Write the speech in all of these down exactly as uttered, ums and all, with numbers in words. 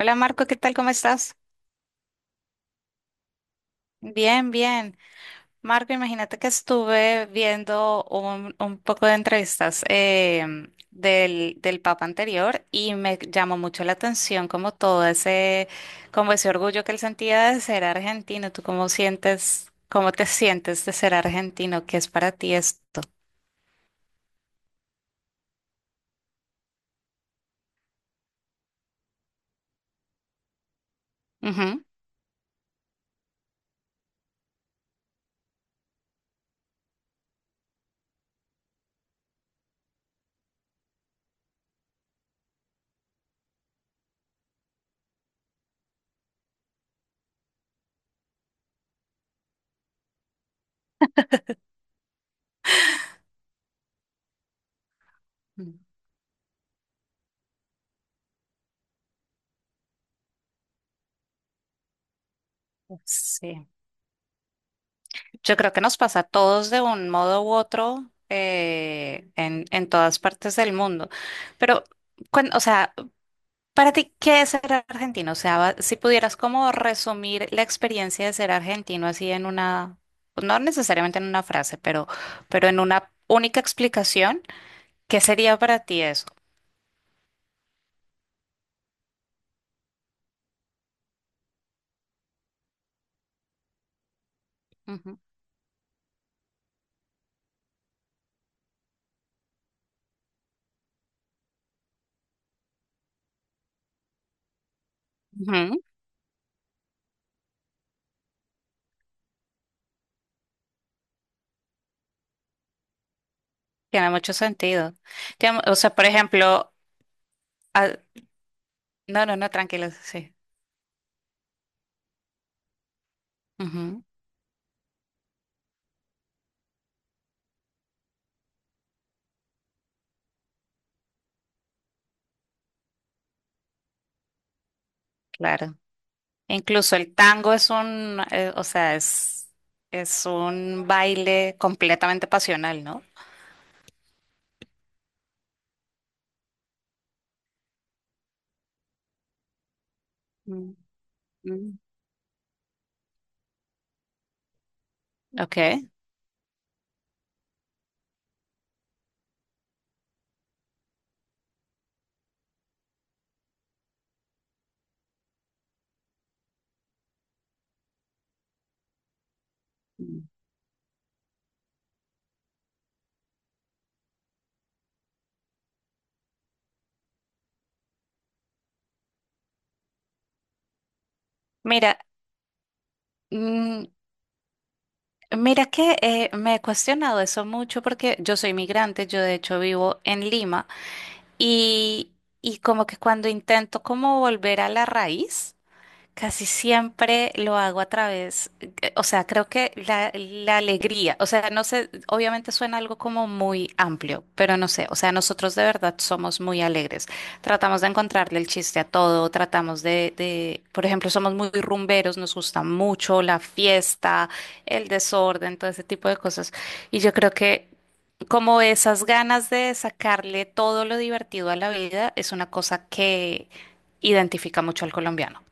Hola Marco, ¿qué tal? ¿Cómo estás? Bien, bien. Marco, imagínate que estuve viendo un, un poco de entrevistas em, del, del Papa anterior y me llamó mucho la atención como todo ese, como ese orgullo que él sentía de ser argentino. ¿Tú cómo sientes, cómo te sientes de ser argentino? ¿Qué es para ti esto? Ujú. Mm. Sí. Yo creo que nos pasa a todos de un modo u otro eh, en, en todas partes del mundo. Pero, cuan- o sea, para ti, ¿qué es ser argentino? O sea, va- si pudieras como resumir la experiencia de ser argentino así en una, no necesariamente en una frase, pero, pero en una única explicación, ¿qué sería para ti eso? Ujú. Ujú. Tiene mucho sentido. Tiene- o sea, por ejemplo. Ah, no, no, no, tranquilo, sí. Ujú, claro. Incluso el tango es un, eh, o sea, es, es un baile completamente pasional, ¿no? Mm. Mm. Ok. Mm. Mira, mm, mira que eh, me he cuestionado eso mucho porque yo soy migrante, yo de hecho vivo en Lima y, y como que cuando intento como volver a la raíz. Casi siempre lo hago a través, eh, o sea, creo que la, la alegría, o sea, no sé, obviamente suena algo como muy amplio, pero no sé, o sea, nosotros de verdad somos muy alegres. Tratamos de encontrarle el chiste a todo, tratamos de, de, por ejemplo, somos muy rumberos, nos gusta mucho la fiesta, el desorden, todo ese tipo de cosas. Y yo creo que como esas ganas de sacarle todo lo divertido a la vida es una cosa que identifica mucho al colombiano.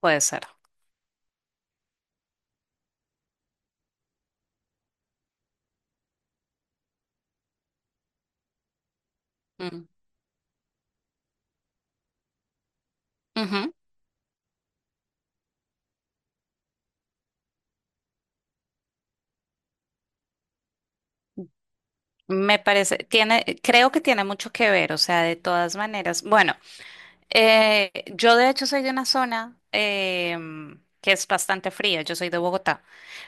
Puede ser. Mm. Ujú. Me parece, tiene, creo que tiene mucho que ver, o sea, de todas maneras. Bueno, eh, yo de hecho soy de una zona em, que es bastante fría, yo soy de Bogotá,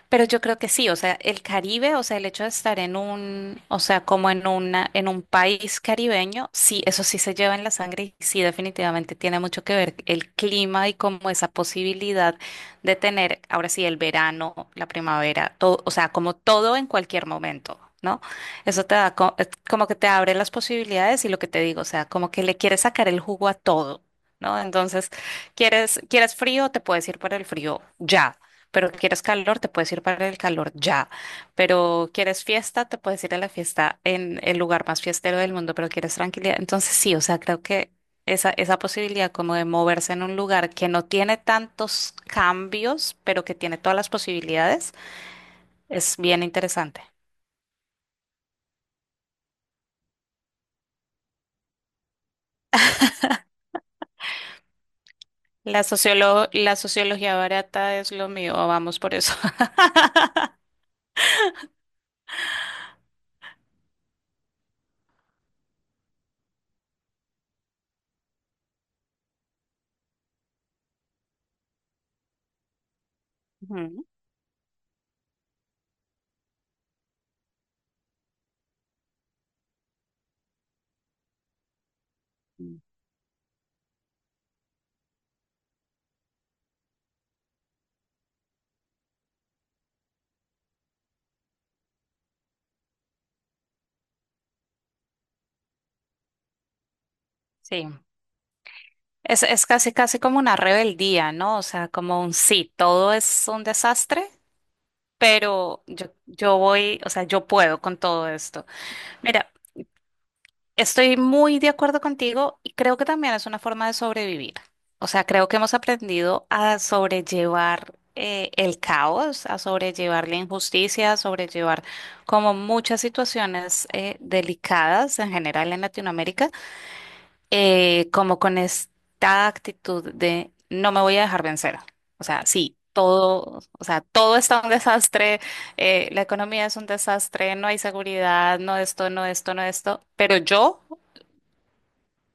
pero yo creo que sí, o sea, el Caribe, o sea, el hecho de estar en un, o sea, como en una, en un país caribeño, sí, eso sí se lleva en la sangre y sí, definitivamente tiene mucho que ver el clima y como esa posibilidad de tener, ahora sí, el verano, la primavera, todo, o sea, como todo en cualquier momento, ¿no? Eso te da co- es como que te abre las posibilidades y lo que te digo, o sea, como que le quieres sacar el jugo a todo, ¿no? Entonces, quieres, quieres frío, te puedes ir para el frío ya, pero quieres calor, te puedes ir para el calor ya, pero quieres fiesta, te puedes ir a la fiesta en el lugar más fiestero del mundo, pero quieres tranquilidad. Entonces, sí, o sea, creo que esa, esa posibilidad como de moverse en un lugar que no tiene tantos cambios, pero que tiene todas las posibilidades, es bien interesante. La sociolo- la sociología barata es lo mío, vamos por eso. Ujú. Mm. Sí. Es, es casi, casi como una rebeldía, ¿no? O sea, como un sí, todo es un desastre, pero yo, yo voy, o sea, yo puedo con todo esto. Mira, estoy muy de acuerdo contigo y creo que también es una forma de sobrevivir. O sea, creo que hemos aprendido a sobrellevar eh, el caos, a sobrellevar la injusticia, a sobrellevar como muchas situaciones eh, delicadas en general en Latinoamérica, eh, como con esta actitud de no me voy a dejar vencer. O sea, sí. Todo, o sea, todo está un desastre, eh, la economía es un desastre, no hay seguridad, no esto, no esto, no esto, pero yo.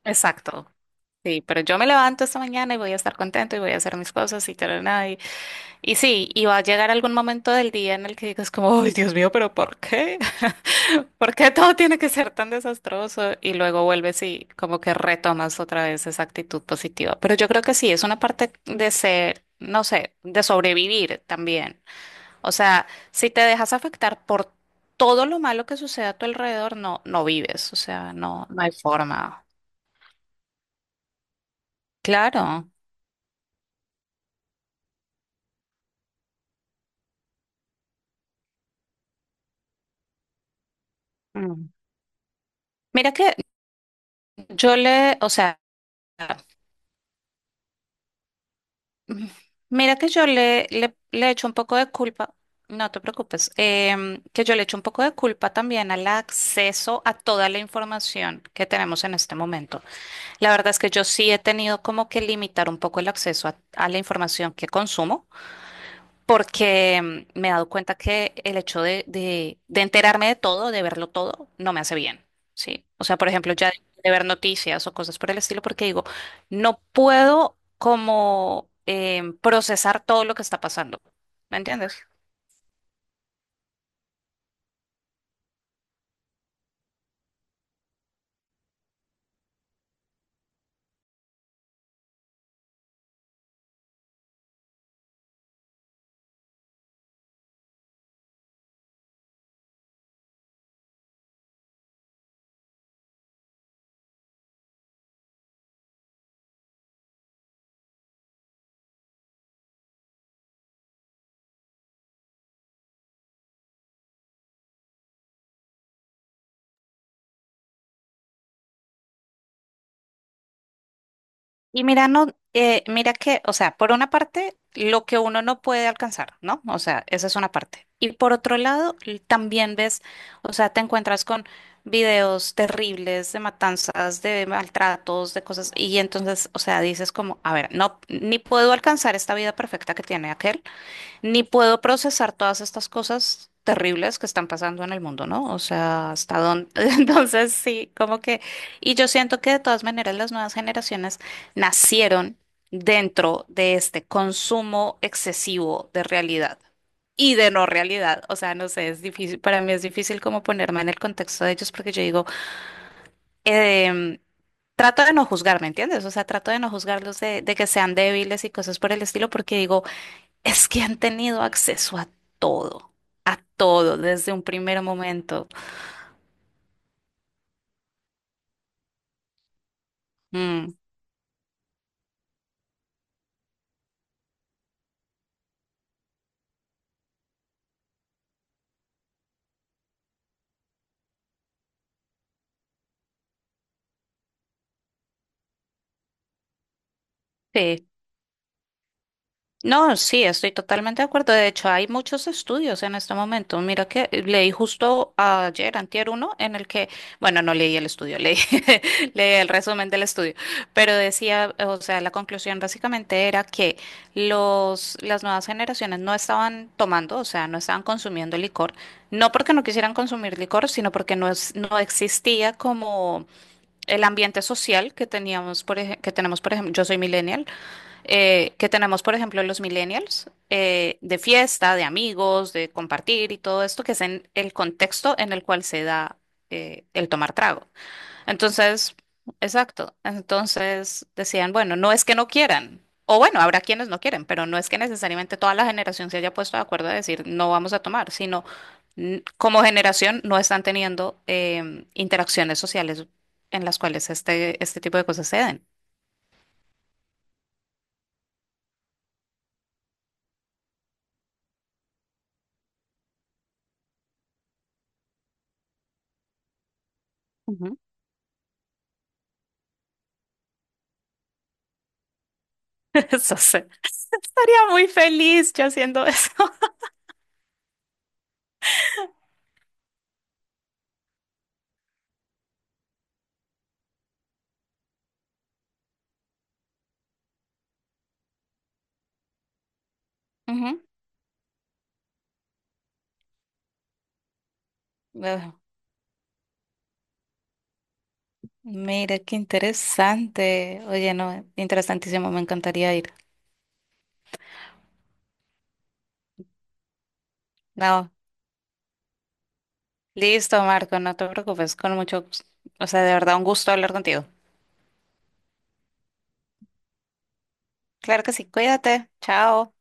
Exacto. Sí, pero yo me levanto esta mañana y voy a estar contento y voy a hacer mis cosas y tal, nada. Y, y sí, y va a llegar algún momento del día en el que digas como, ay, Dios mío, pero ¿por qué? ¿Por qué todo tiene que ser tan desastroso? Y luego vuelves y como que retomas otra vez esa actitud positiva. Pero yo creo que sí, es una parte de ser, no sé, de sobrevivir también. O sea, si te dejas afectar por todo lo malo que sucede a tu alrededor, no, no vives. O sea, no, no hay forma. Claro. Mira que yo le, o sea, mira que yo le, le, le echo un poco de culpa, no te preocupes, em, que yo le echo un poco de culpa también al acceso a toda la información que tenemos en este momento. La verdad es que yo sí he tenido como que limitar un poco el acceso a a la información que consumo. Porque mm, me he dado cuenta que el hecho de, de, de enterarme de todo, de verlo todo, no me hace bien, ¿sí? O sea, por ejemplo, ya de ver noticias o cosas por el estilo, porque digo, no puedo como em, procesar todo lo que está pasando, ¿me entiendes? Y mira, no, eh, mira que, o sea, por una parte, lo que uno no puede alcanzar, ¿no? O sea, esa es una parte. Y por otro lado, l- también ves, o sea, te encuentras con videos terribles de matanzas, de maltratos, de cosas, y entonces, o sea, dices como, a ver, no, ni puedo alcanzar esta vida perfecta que tiene aquel, ni puedo procesar todas estas cosas terribles que están pasando en el mundo, ¿no? O sea, hasta dónde. Entonces, sí, como que. Y yo siento que de todas maneras las nuevas generaciones nacieron dentro de este consumo excesivo de realidad y de no realidad. O sea, no sé, es difícil, para mí es difícil como ponerme en el contexto de ellos porque yo digo, em, trato de no juzgar, ¿me entiendes? O sea, trato de no juzgarlos de, de que sean débiles y cosas por el estilo porque digo, es que han tenido acceso a todo, a todo desde un primer momento. Mm, sí. No, sí, estoy totalmente de acuerdo. De hecho, hay muchos estudios en este momento. Mira que eh, leí justo ayer, antier uno, en el que, bueno, no leí el estudio, leí, leí el resumen del estudio, pero decía, o sea, la conclusión básicamente era que los, las nuevas generaciones no estaban tomando, o sea, no estaban consumiendo licor, no porque no quisieran consumir licor, sino porque no es, no existía como el ambiente social que teníamos, por ej- que tenemos, por ejemplo, yo soy millennial eh, que tenemos, por ejemplo, los millennials, eh, de fiesta, de amigos, de compartir y todo esto, que es en el contexto en el cual se da eh, el tomar trago. Entonces, exacto. Entonces decían, bueno, no es que no quieran. O bueno, habrá quienes no quieren, pero no es que necesariamente toda la generación se haya puesto de acuerdo a decir no vamos a tomar, sino mm, como generación no están teniendo em, interacciones sociales en las cuales este, este tipo de cosas se den. Eso sé. Estaría muy feliz yo haciendo eso. Ujú. Ah, mira, qué interesante. Oye, no, interesantísimo, me encantaría ir. No, listo, Marco, no te preocupes, con mucho, gus- o sea, de verdad, un gusto hablar contigo. Claro que sí, cuídate, chao.